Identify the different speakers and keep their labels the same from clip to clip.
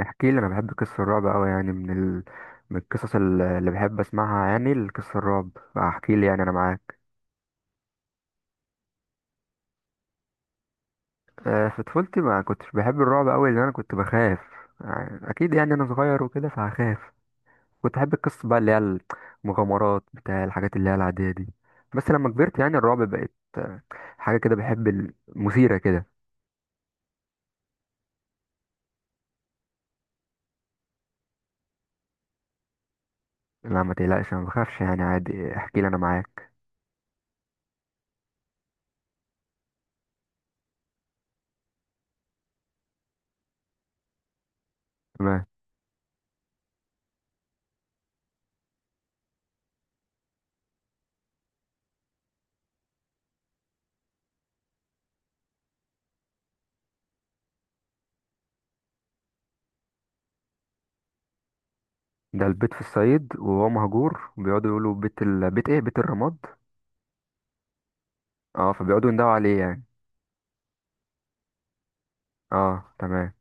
Speaker 1: احكي لي، انا بحب قصص الرعب قوي. يعني من القصص اللي بحب اسمعها، يعني القصص الرعب. احكي لي، يعني انا معاك. آه، في طفولتي ما كنتش بحب الرعب قوي لان انا كنت بخاف. يعني اكيد، يعني انا صغير وكده فهخاف. كنت احب القصص بقى اللي هي المغامرات، بتاع الحاجات اللي هي العادية دي. بس لما كبرت، يعني الرعب بقت آه، حاجة كده بحب، المثيرة كده. لا، ما تقلقش، انا ما بخافش، يعني عادي. احكي لي، انا معاك. تمام. ده البيت في الصعيد وهو مهجور بيقعدوا يقولوا بيت ايه، بيت الرماد. اه، فبيقعدوا يندهوا عليه يعني. اه، تمام.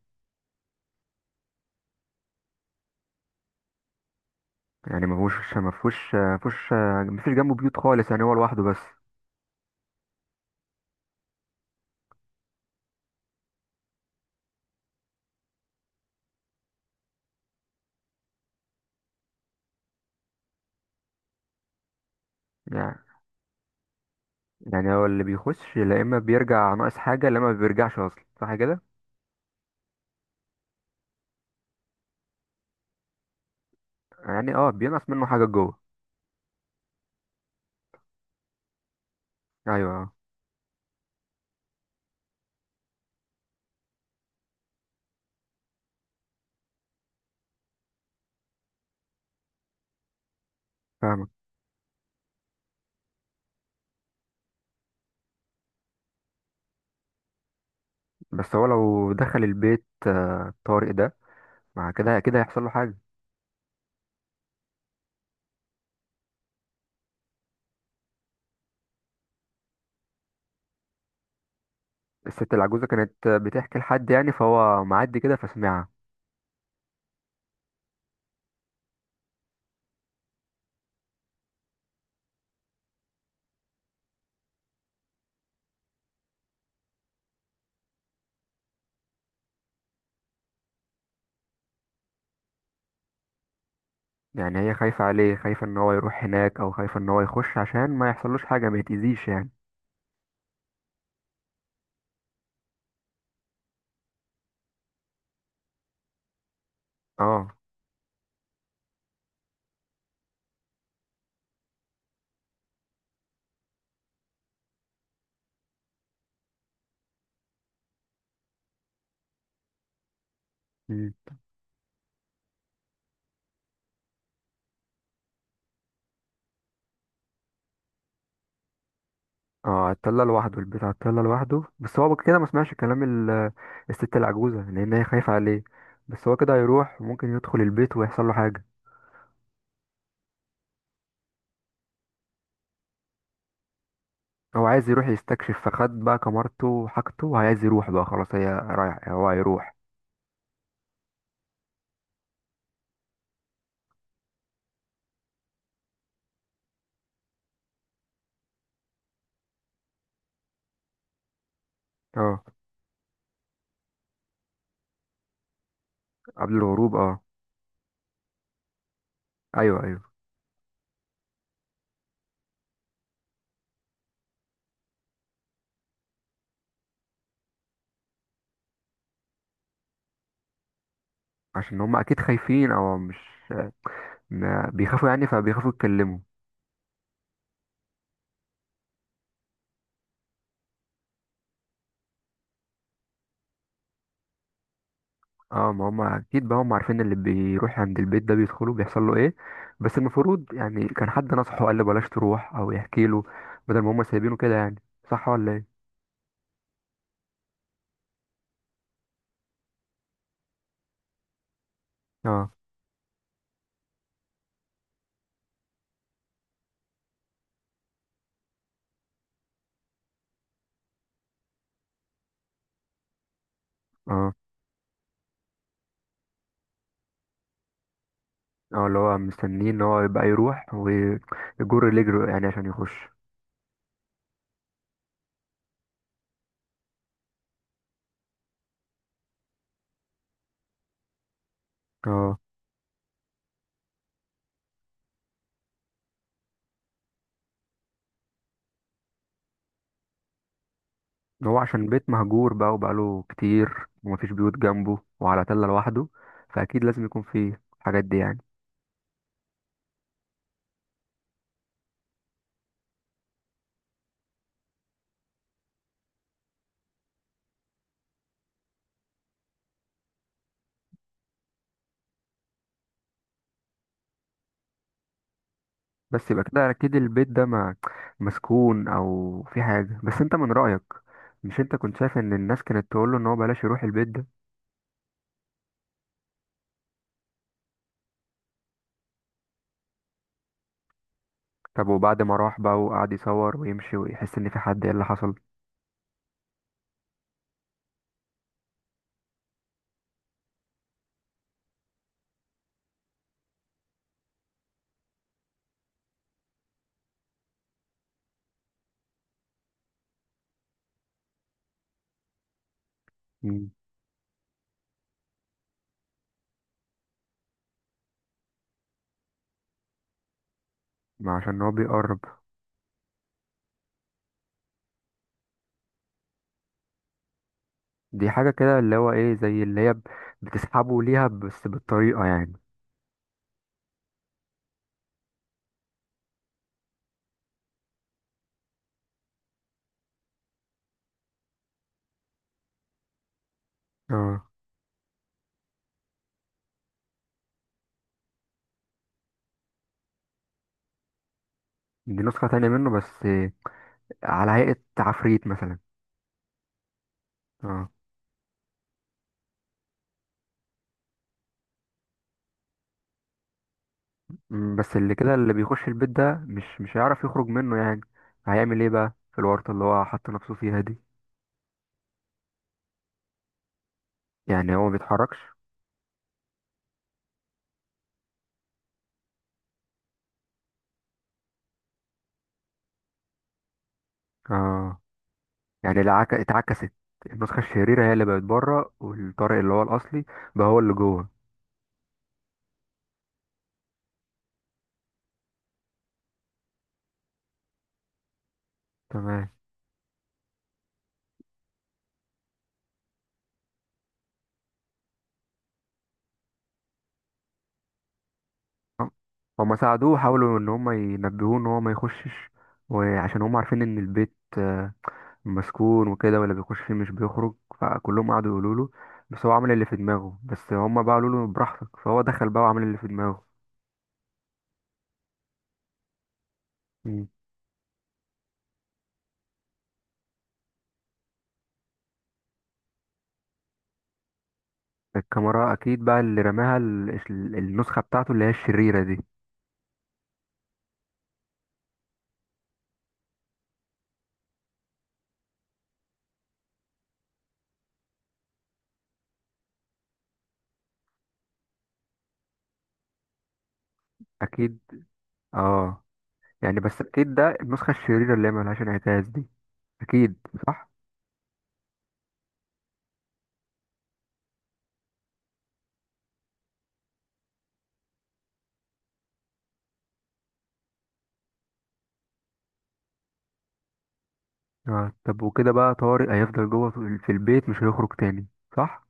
Speaker 1: يعني مفهوش مفهوش مفهوش. مفيش جنبه بيوت خالص، يعني هو لوحده بس. يعني يعني هو اللي بيخش، لا اما بيرجع ناقص حاجة، لا اما ما بيرجعش اصلا، صح كده؟ يعني اه، بينقص منه حاجة جوه. ايوه، اه. فاهمك. بس هو لو دخل البيت طارق ده، مع كده كده هيحصل له حاجة. الست العجوزة كانت بتحكي لحد يعني فهو معدي كده فسمعها. يعني هي خايفة عليه، خايفة ان هو يروح هناك، او خايفة ان هو يخش عشان ما يحصلوش حاجة، ما يتأذيش يعني. اه. اه، اتطلع لوحده، البيت هتطلع لوحده، بس هو كده ما سمعش كلام ال- الست العجوزة، لأن هي خايفة عليه. بس هو كده هيروح، وممكن يدخل البيت ويحصل له حاجة. هو عايز يروح يستكشف، فخد بقى كمارته وحاجته، وعايز يروح بقى خلاص، هي رايح، هو هيروح. اه، قبل الهروب، اه. ايوه، ايوه. عشان هم اكيد خايفين، او مش ما بيخافوا يعني فبيخافوا يتكلموا. اه، ما هم اكيد بقى هم عارفين اللي بيروح عند البيت ده بيدخله بيحصل له ايه. بس المفروض يعني كان حد نصحه قال له بلاش تروح، او يحكي له. بدل ما هم سايبينه كده يعني. صح ولا ايه؟ اه، اه، اه، اللي هو مستنيه ان هو يبقى يروح ويجر رجله يعني عشان يخش. اه، هو عشان بيت مهجور بقى، وبقاله كتير، ومفيش بيوت جنبه، وعلى تلة لوحده. فاكيد لازم يكون فيه الحاجات دي يعني. بس يبقى كده اكيد البيت ده ما مسكون، او في حاجه، بس انت من رايك. مش انت كنت شايف ان الناس كانت تقول له ان هو بلاش يروح البيت ده؟ طب وبعد ما راح بقى وقعد يصور ويمشي ويحس ان في حد، ايه اللي حصل؟ مم. ما عشان هو بيقرب. دي حاجه كده اللي هو ايه، زي اللي هي بتسحبه ليها بس بالطريقه يعني. اه، دي نسخه تانية منه، بس على هيئه عفريت مثلا. اه. بس اللي كده اللي بيخش البيت ده مش هيعرف يخرج منه يعني. هيعمل ايه بقى في الورطة اللي هو حط نفسه فيها دي؟ يعني هو ما بيتحركش. اه، يعني اتعكست. النسخة الشريرة هي اللي بقت بره، والطارق اللي هو الأصلي بقى هو اللي جوه. تمام. هم- هما ساعدوه، حاولوا ان هما ينبهوه ان هو ما يخشش. وعشان هما عارفين ان البيت مسكون وكده، واللي بيخش فيه مش بيخرج. فكلهم قعدوا يقولوا له. بس هو عمل اللي في دماغه، بس هما بقى قالوا له براحتك، فهو دخل بقى وعمل اللي في دماغه. مم. الكاميرا اكيد بقى اللي رماها النسخه بتاعته اللي هي الشريره دي. اكيد. اه، يعني بس اكيد ده النسخه الشريره اللي هي ملهاش انعكاس دي. اكيد. صح. آه. طب وكده بقى طارق هيفضل جوه في البيت، مش هيخرج تاني. صح.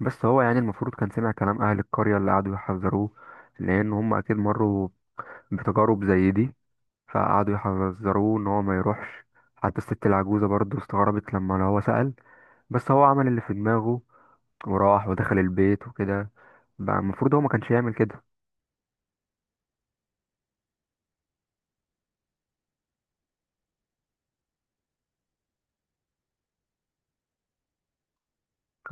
Speaker 1: بس هو يعني المفروض كان سمع كلام اهل القريه اللي قعدوا يحذروه. لان هم اكيد مروا بتجارب زي دي. فقعدوا يحذروه ان هو ما يروحش. حتى الست العجوزه برضه استغربت لما هو سأل. بس هو عمل اللي في دماغه، وراح ودخل البيت وكده. بقى المفروض هو ما كانش يعمل كده.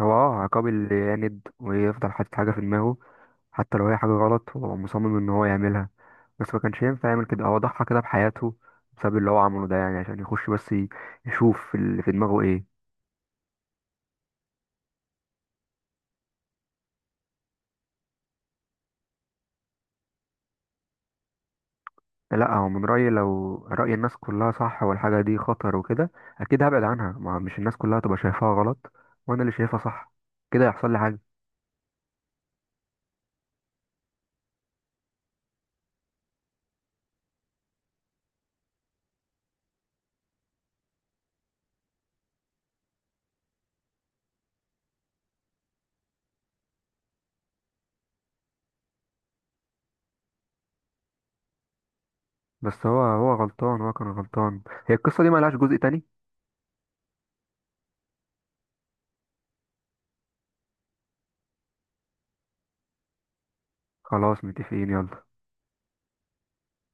Speaker 1: هو اه عقاب اللي يعند ويفضل حاطط حاجة في دماغه. حتى لو هي حاجة غلط، هو مصمم ان هو يعملها. بس ما كانش ينفع يعمل كده، هو ضحى كده بحياته بسبب اللي هو عمله ده، يعني عشان يخش بس يشوف اللي في دماغه ايه. لا، هو من رأيي لو رأي الناس كلها صح والحاجة دي خطر وكده، أكيد هبعد عنها. ما مش الناس كلها تبقى شايفاها غلط وأنا اللي شايفها صح، كده يحصل لي حاجة. بس هو غلطان، هو كان غلطان. هي القصة دي ملهاش جزء تاني؟ خلاص، متفقين، يلا.